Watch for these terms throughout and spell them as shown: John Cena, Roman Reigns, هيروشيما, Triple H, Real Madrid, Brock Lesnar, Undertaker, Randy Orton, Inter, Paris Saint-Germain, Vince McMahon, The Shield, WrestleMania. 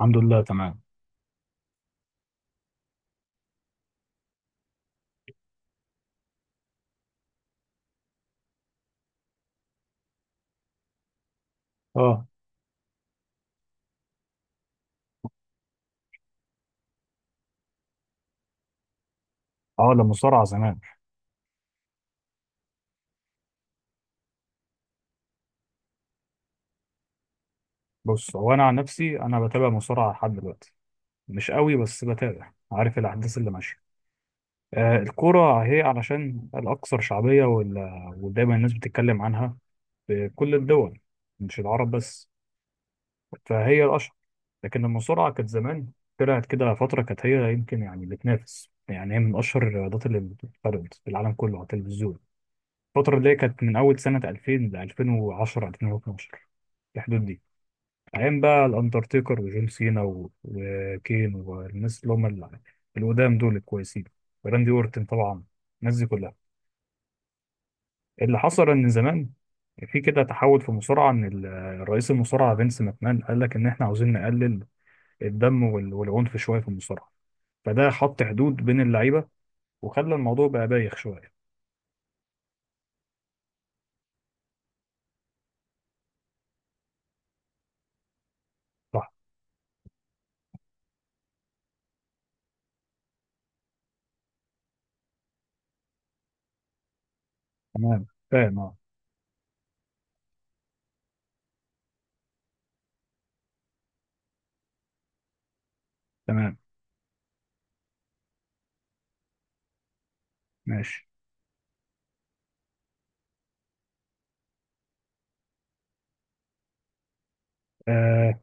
الحمد لله، تمام. اه. اه، لا، مصارعه زمان. بص، هو انا عن نفسي بتابع مصارعه لحد دلوقتي، مش قوي بس بتابع، عارف الاحداث اللي ماشيه. آه، الكوره هي علشان الاكثر شعبيه ودايما الناس بتتكلم عنها في كل الدول، مش العرب بس، فهي الاشهر. لكن المصارعه كانت زمان طلعت كده فتره، كانت هي يمكن يعني بتنافس، يعني هي من اشهر الرياضات اللي بتتفرج في العالم كله على التلفزيون. الفتره اللي هي كانت من اول سنه 2000 ل 2010 2012، في الحدود دي، أيام بقى الأندرتيكر وجون سينا وكين والناس اللي هم القدام دول الكويسين، وراندي أورتن طبعا، الناس دي كلها. اللي حصل إن زمان في كده تحول في المصارعة، إن الرئيس المصارعة فينس ماكمان قال لك إن إحنا عاوزين نقلل الدم والعنف شوية في المصارعة، فده حط حدود بين اللعيبة وخلى الموضوع بقى بايخ شوية. صح. تمام، فاهم، أه. تمام، ماشي. آه،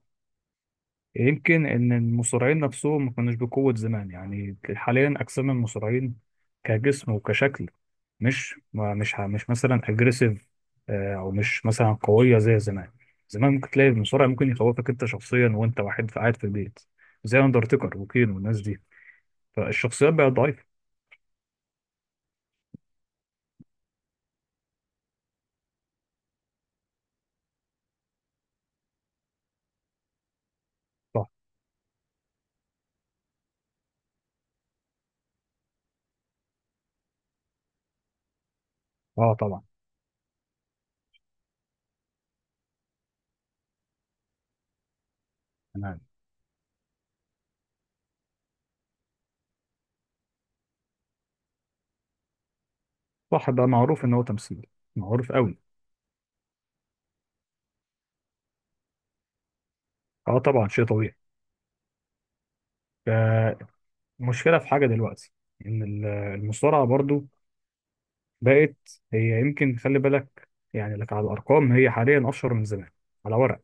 يمكن ان المصارعين نفسهم ما كانوش بقوه زمان، يعني حاليا اجسام المصارعين كجسم وكشكل مش مثلا اجريسيف، او مش مثلا قويه زي زمان. زمان ممكن تلاقي المصارع ممكن يخوفك انت شخصيا وانت واحد قاعد في البيت، زي اندرتيكر وكين والناس دي، فالشخصيات بقت ضعيفه. صح. اه، طبعا. تمام. صح، بقى معروف ان هو تمثيل، معروف قوي. اه، طبعا، شيء طبيعي. ف- المشكله في حاجه دلوقتي، ان المصارعه برضو بقت، هي يمكن، خلي بالك يعني لك على الأرقام، هي حاليا أشهر من زمان على ورق.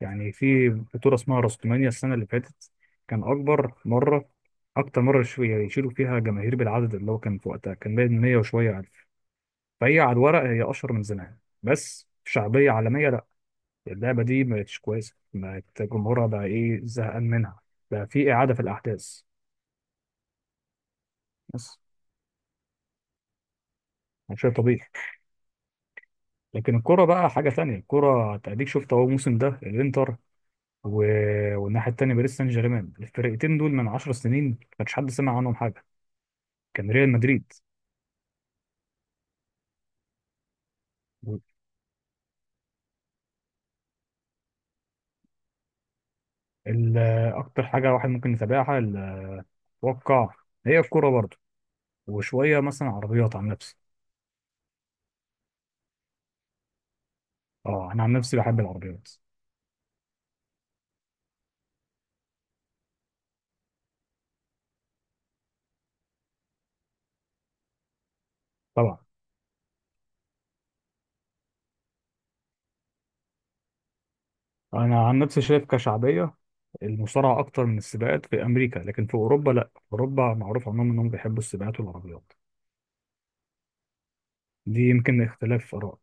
يعني في بطولة اسمها رستمانيا، السنة اللي فاتت كان أكبر مرة، أكتر مرة يشيلوا فيها جماهير بالعدد، اللي هو كان في وقتها كان باين 100 وشوية ألف. فهي على الورق هي أشهر من زمان، بس شعبية عالمية لأ، اللعبة دي ما بقتش كويسة، بقت جمهورها بقى إيه، زهقان منها، بقى في إعادة في الأحداث. بس ده شيء طبيعي. لكن الكرة بقى حاجة تانية، الكرة تأديك، شفت أهو الموسم ده الإنتر والناحية التانية باريس سان جيرمان، الفرقتين دول من 10 سنين ما كانش حد سمع عنهم حاجة، كان ريال مدريد. ال- أكتر حاجة واحد ممكن يتابعها، أتوقع هي الكورة برضه، وشوية مثلا عربيات عن نفسي. أه، أنا عن نفسي بحب العربيات. طبعا. أنا عن نفسي شايف كشعبية المصارعة أكتر من السباقات في أمريكا، لكن في أوروبا لأ، في أوروبا معروف عنهم إنهم بيحبوا السباقات والعربيات. دي يمكن اختلاف آراء.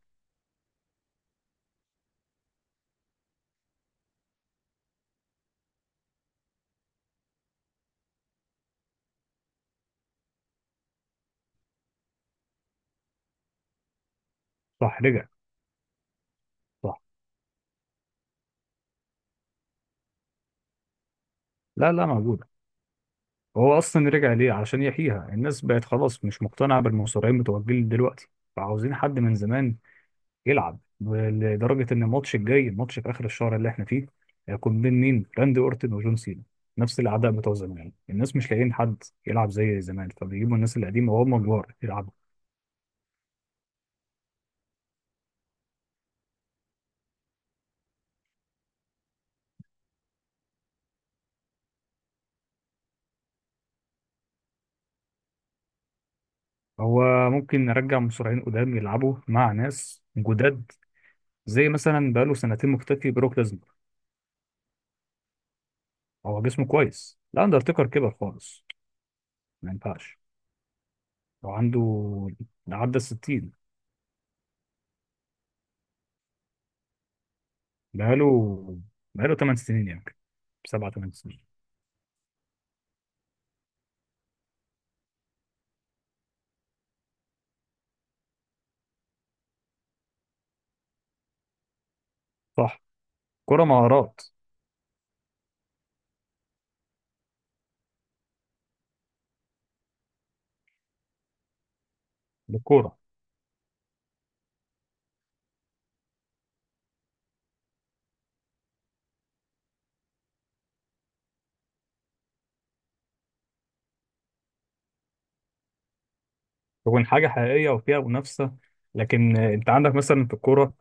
صح، رجع. صح. لا، لا موجود، هو اصلا رجع ليه علشان يحييها، الناس بقت خلاص مش مقتنعه بالمصارعين بتوع الجيل دلوقتي، فعاوزين حد من زمان يلعب، لدرجه ان الماتش الجاي، الماتش في اخر الشهر اللي احنا فيه، هيكون بين مين؟ راندي اورتن وجون سينا، نفس الاعداء بتوع زمان، الناس مش لاقيين حد يلعب زي زمان فبيجيبوا الناس القديمه وهم كبار يلعبوا. هو ممكن نرجع مصارعين قدام يلعبوا مع ناس جداد. زي مثلا بقاله سنتين مختفي بروك ليزنر. هو جسمه كويس، لا اندرتيكر كبر خالص، ما ينفعش. وعنده، عدى الستين. بقاله بقاله 8 سنين يمكن، سبعة 8 سنين. صح، كرة مهارات. للكورة. تكون حاجة حقيقية وفيها منافسة، لكن انت عندك مثلا في الكورة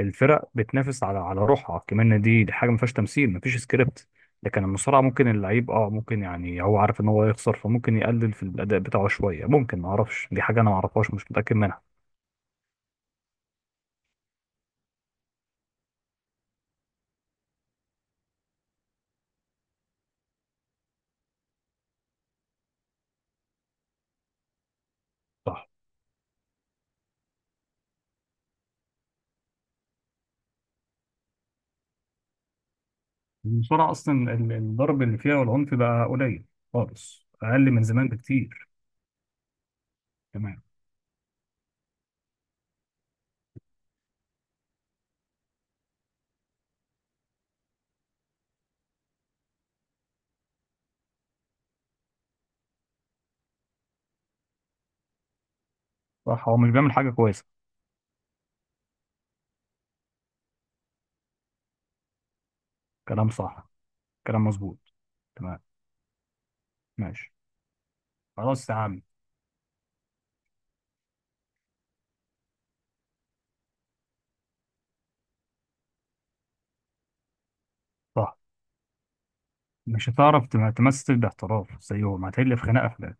الفرق بتنافس على روحها كمان، دي حاجة ما فيهاش تمثيل، ما فيش سكريبت. لكن المصارعة ممكن اللعيب ممكن، يعني هو عارف ان هو يخسر فممكن يقلل في الأداء بتاعه شوية، ممكن، ما اعرفش، دي حاجة انا ما اعرفهاش، مش متأكد منها. صح. المصارعة أصلا الضرب اللي فيها والعنف بقى قليل خالص، أقل من زمان بكتير. تمام. صح، هو مش بيعمل حاجة كويسة. كلام صح. كلام مظبوط. تمام، ماشي. خلاص يا عم. صح، مش هتعرف تمثل باحتراف زيهم، هتحل في خناقة في ده.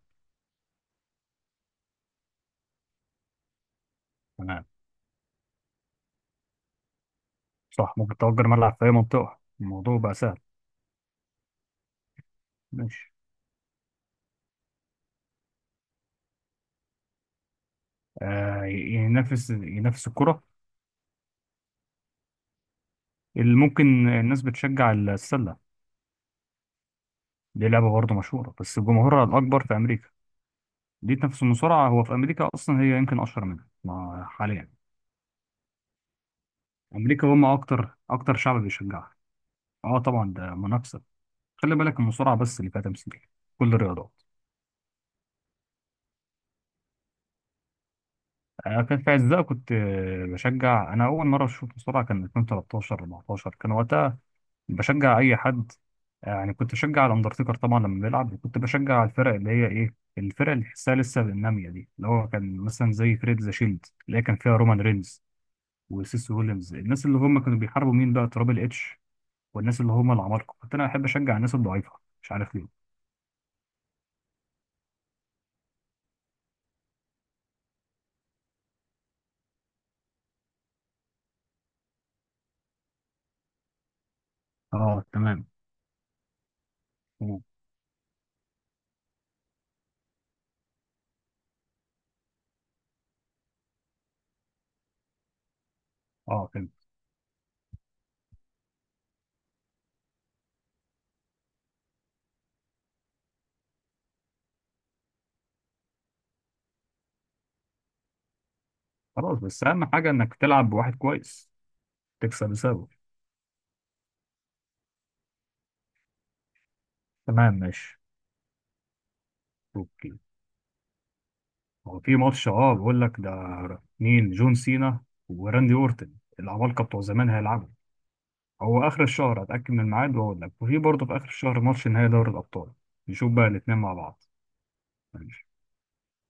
تمام. صح، ممكن تأجر ملعب في أي منطقة، الموضوع بقى سهل. ماشي. آه، ينافس الكرة. اللي ممكن الناس بتشجع السلة. دي لعبة برضه مشهورة بس جمهورها الأكبر في أمريكا. دي نفس المصارعة، هو في أمريكا أصلا هي يمكن أشهر منها ما حاليا. أمريكا هم أكتر أكتر شعب بيشجعها. أه، طبعا ده منافسة. خلي بالك المصارعة بس اللي فيها تمثيل، كل الرياضات. أنا كان في عزها كنت بشجع، أنا أول مرة شفت مصارعة كان 2013 14، كان وقتها بشجع أي حد. يعني كنت بشجع الأندرتيكر طبعا لما بيلعب، وكنت بشجع الفرق اللي هي إيه، الفرق اللي تحسها لسه نامية دي، اللي هو كان مثلا زي فريق ذا شيلد اللي هي كان فيها رومان رينز وسيس ويليامز، الناس اللي هم كانوا بيحاربوا مين بقى، ترابل اتش والناس اللي هم العمالقه. كنت انا احب اشجع الناس الضعيفه، مش عارف ليه. اه، تمام. مم. اه، فهمت. خلاص، بس اهم حاجه انك تلعب بواحد كويس، تكسب بسببه. تمام، ماشي. اوكي. هو في ماتش، بقول لك ده، مين؟ جون سينا وراندي اورتن، العمالقه بتوع زمان هيلعبوا. هو اخر الشهر هتاكد من الميعاد واقول لك، وفي برضه في اخر الشهر ماتش نهائي دوري الابطال. نشوف بقى الاثنين مع بعض. ماشي.